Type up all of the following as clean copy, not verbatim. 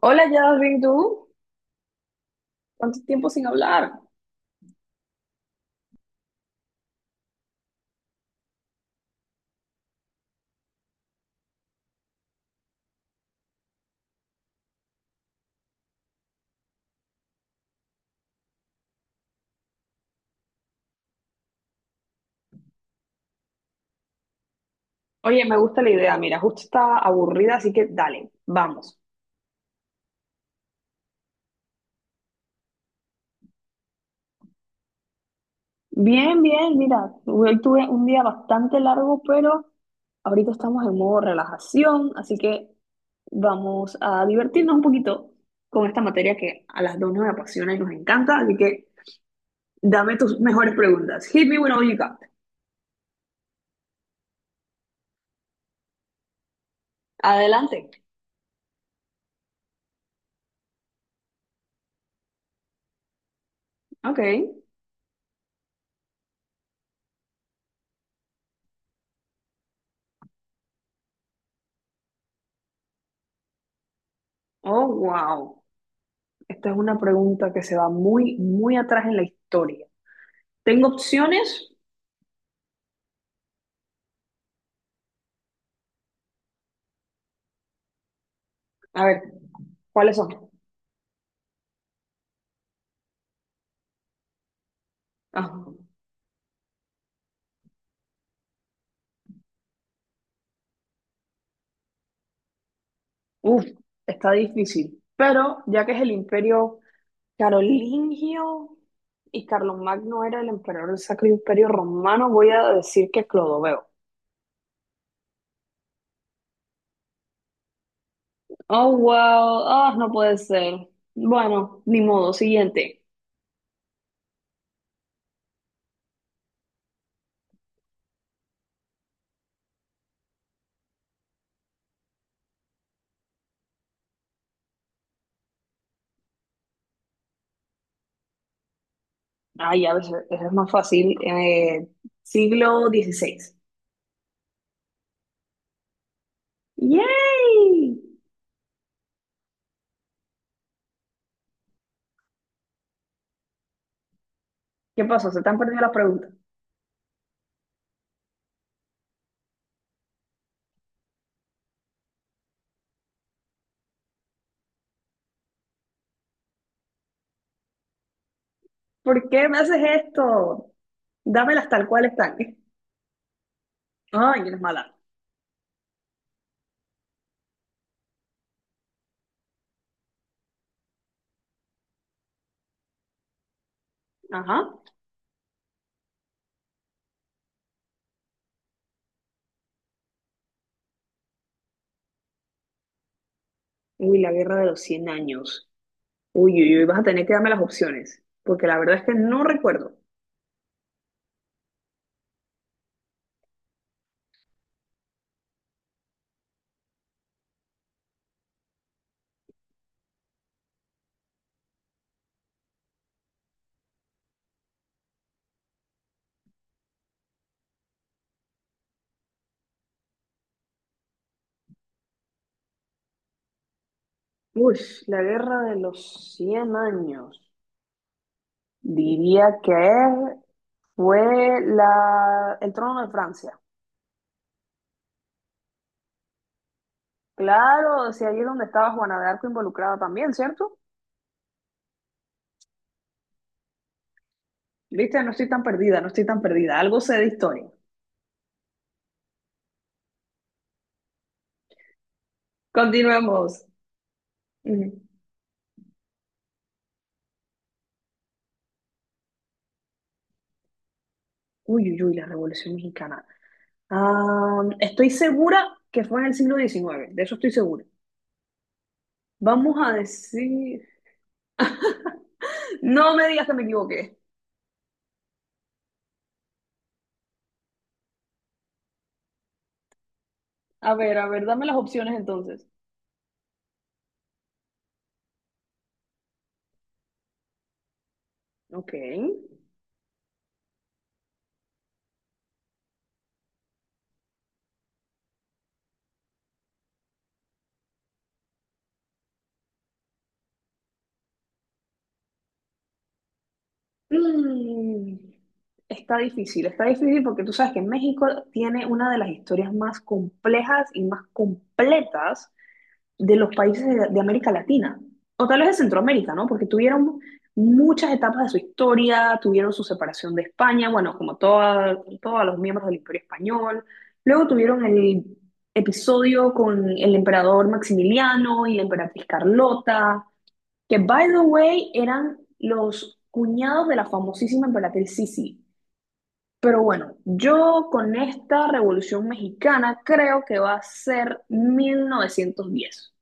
Hola, Jasmine, ¿tú? ¿Cuánto tiempo sin hablar? Oye, me gusta la idea, mira, justo estaba aburrida, así que dale, vamos. Bien, bien, mira, hoy tuve un día bastante largo, pero ahorita estamos en modo relajación, así que vamos a divertirnos un poquito con esta materia que a las dos nos apasiona y nos encanta, así que dame tus mejores preguntas. Hit me with all you got. Adelante. Ok. Oh, wow. Esta es una pregunta que se va muy, muy atrás en la historia. Tengo opciones. A ver, ¿cuáles son? Ah, uf, está difícil. Pero ya que es el imperio carolingio y Carlomagno era el emperador del Sacro Imperio Romano, voy a decir que Clodoveo. Oh, wow. Ah, no puede ser. Bueno, ni modo. Siguiente. Ay, a veces eso es más fácil. Siglo XVI. ¡Yay! ¿Qué pasó? Se te han perdido las preguntas. ¿Por qué me haces esto? Dámelas tal cual están. Ay, eres mala. Ajá. Uy, la guerra de los 100 años. Uy, uy, uy, vas a tener que darme las opciones, porque la verdad es que no recuerdo. Uy, la guerra de los 100 años. Diría que fue la... el trono de Francia. Claro, o sea, ahí es donde estaba Juana de Arco involucrada también, ¿cierto? Viste, no estoy tan perdida, no estoy tan perdida. Algo sé de historia. Continuemos. Ujú. Uy, uy, uy, la Revolución Mexicana. Ah, estoy segura que fue en el siglo XIX, de eso estoy segura. Vamos a decir... No me digas que me equivoqué. A ver, dame las opciones entonces. Ok. Mm, Está difícil, está difícil porque tú sabes que México tiene una de las historias más complejas y más completas de los países de América Latina, o tal vez de Centroamérica, ¿no? Porque tuvieron muchas etapas de su historia, tuvieron su separación de España, bueno, como toda, todos los miembros del Imperio Español, luego tuvieron el episodio con el emperador Maximiliano y la emperatriz Carlota, que, by the way, eran los cuñados de la famosísima emperatriz Sisi. Pero bueno, yo con esta revolución mexicana creo que va a ser 1910.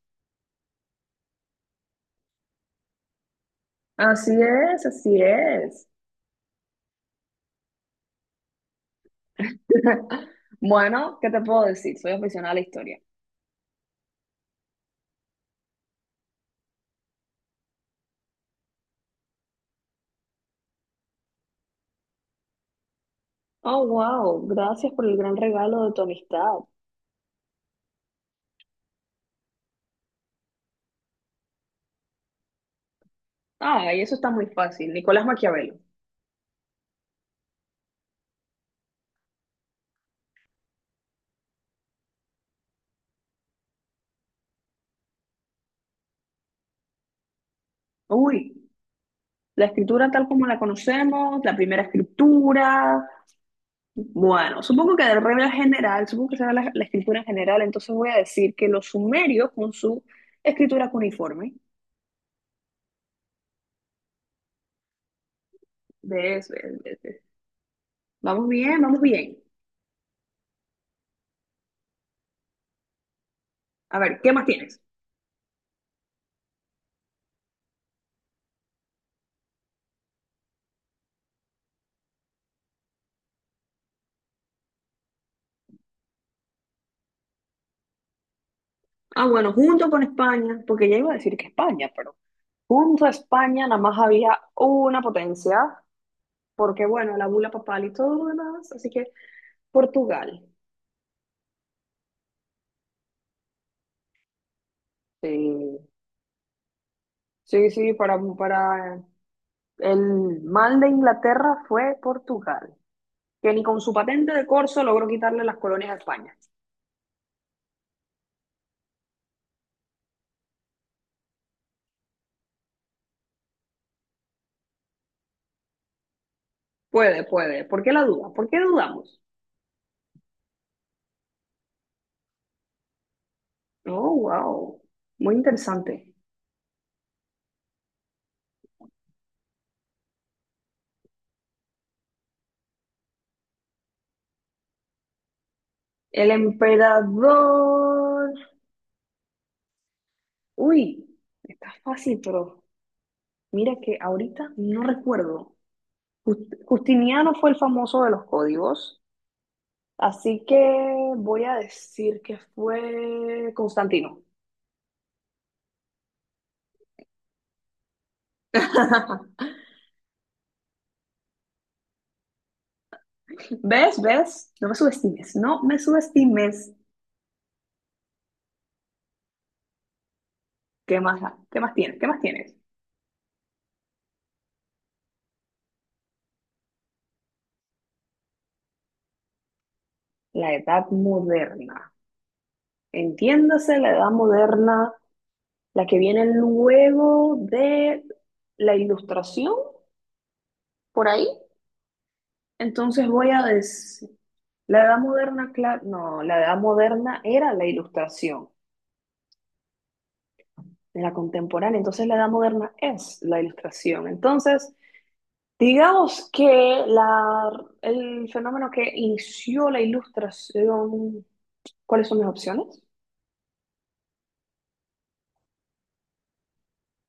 Así es, así es. Bueno, ¿qué te puedo decir? Soy aficionada a la historia. Oh, wow, gracias por el gran regalo de tu amistad. Ah, y eso está muy fácil. Nicolás Maquiavelo. Uy, la escritura tal como la conocemos, la primera escritura. Bueno, supongo que de regla general, supongo que será la escritura en general, entonces voy a decir que los sumerios con su escritura cuniforme. ¿Ves? Ves, ves, ves. Vamos bien, vamos bien. A ver, ¿qué más tienes? Ah, bueno, junto con España, porque ya iba a decir que España, pero junto a España nada más había una potencia, porque bueno, la bula papal y todo lo demás, así que Portugal. Sí, sí, sí, para el mal de Inglaterra fue Portugal, que ni con su patente de corso logró quitarle las colonias a España. Puede, puede. ¿Por qué la duda? ¿Por qué dudamos? Oh, wow. Muy interesante. El emperador. Uy, está fácil, pero mira que ahorita no recuerdo. Justiniano fue el famoso de los códigos, así que voy a decir que fue Constantino. ¿Ves? ¿Ves? No me subestimes, no me subestimes. ¿Qué más, qué más tienes? ¿Qué más tienes? La edad moderna. Entiéndase la edad moderna, la que viene luego de la ilustración, por ahí. Entonces voy a decir, la edad moderna, no, la edad moderna era la ilustración, de la contemporánea, entonces la edad moderna es la ilustración. Entonces, digamos que el fenómeno que inició la ilustración, ¿cuáles son mis opciones?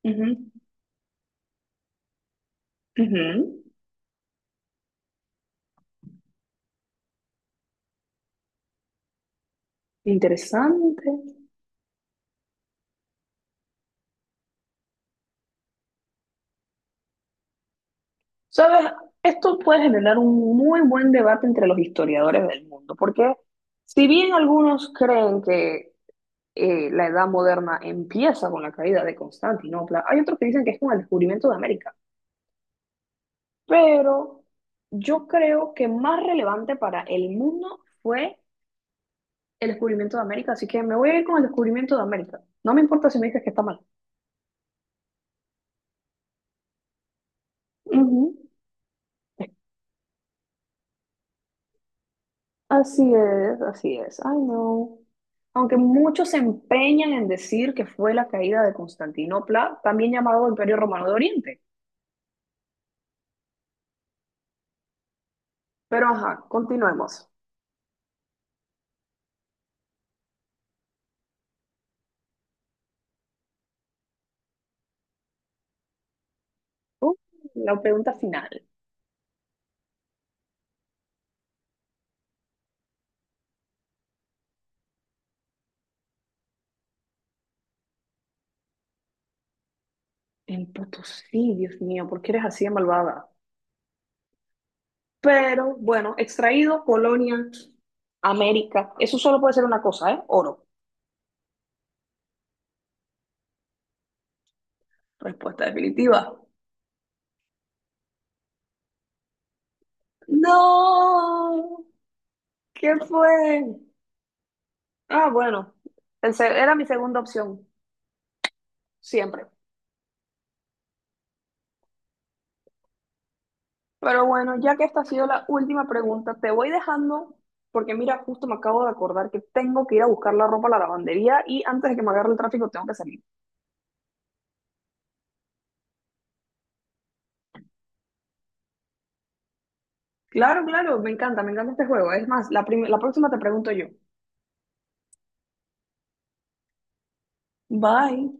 Ujú, ujú. Interesante. ¿Sabes? Esto puede generar un muy buen debate entre los historiadores del mundo, porque si bien algunos creen que la edad moderna empieza con la caída de Constantinopla. Hay otros que dicen que es con el descubrimiento de América, pero yo creo que más relevante para el mundo fue el descubrimiento de América, así que me voy a ir con el descubrimiento de América. No me importa si me dices que está mal. Ujú. Así es, así es. Ay, no. Aunque muchos se empeñan en decir que fue la caída de Constantinopla, también llamado Imperio Romano de Oriente. Pero ajá, continuemos. Uh, la pregunta final. El Potosí, Dios mío, ¿por qué eres así de malvada? Pero bueno, extraído, Polonia, América. Eso solo puede ser una cosa, ¿eh? Oro. Respuesta definitiva. No, ¿qué fue? Ah, bueno, era mi segunda opción, siempre. Pero bueno, ya que esta ha sido la última pregunta, te voy dejando porque mira, justo me acabo de acordar que tengo que ir a buscar la ropa a la lavandería y antes de que me agarre el tráfico tengo que salir. Claro, claro, me encanta este juego. Es más, la próxima te pregunto yo. Bye.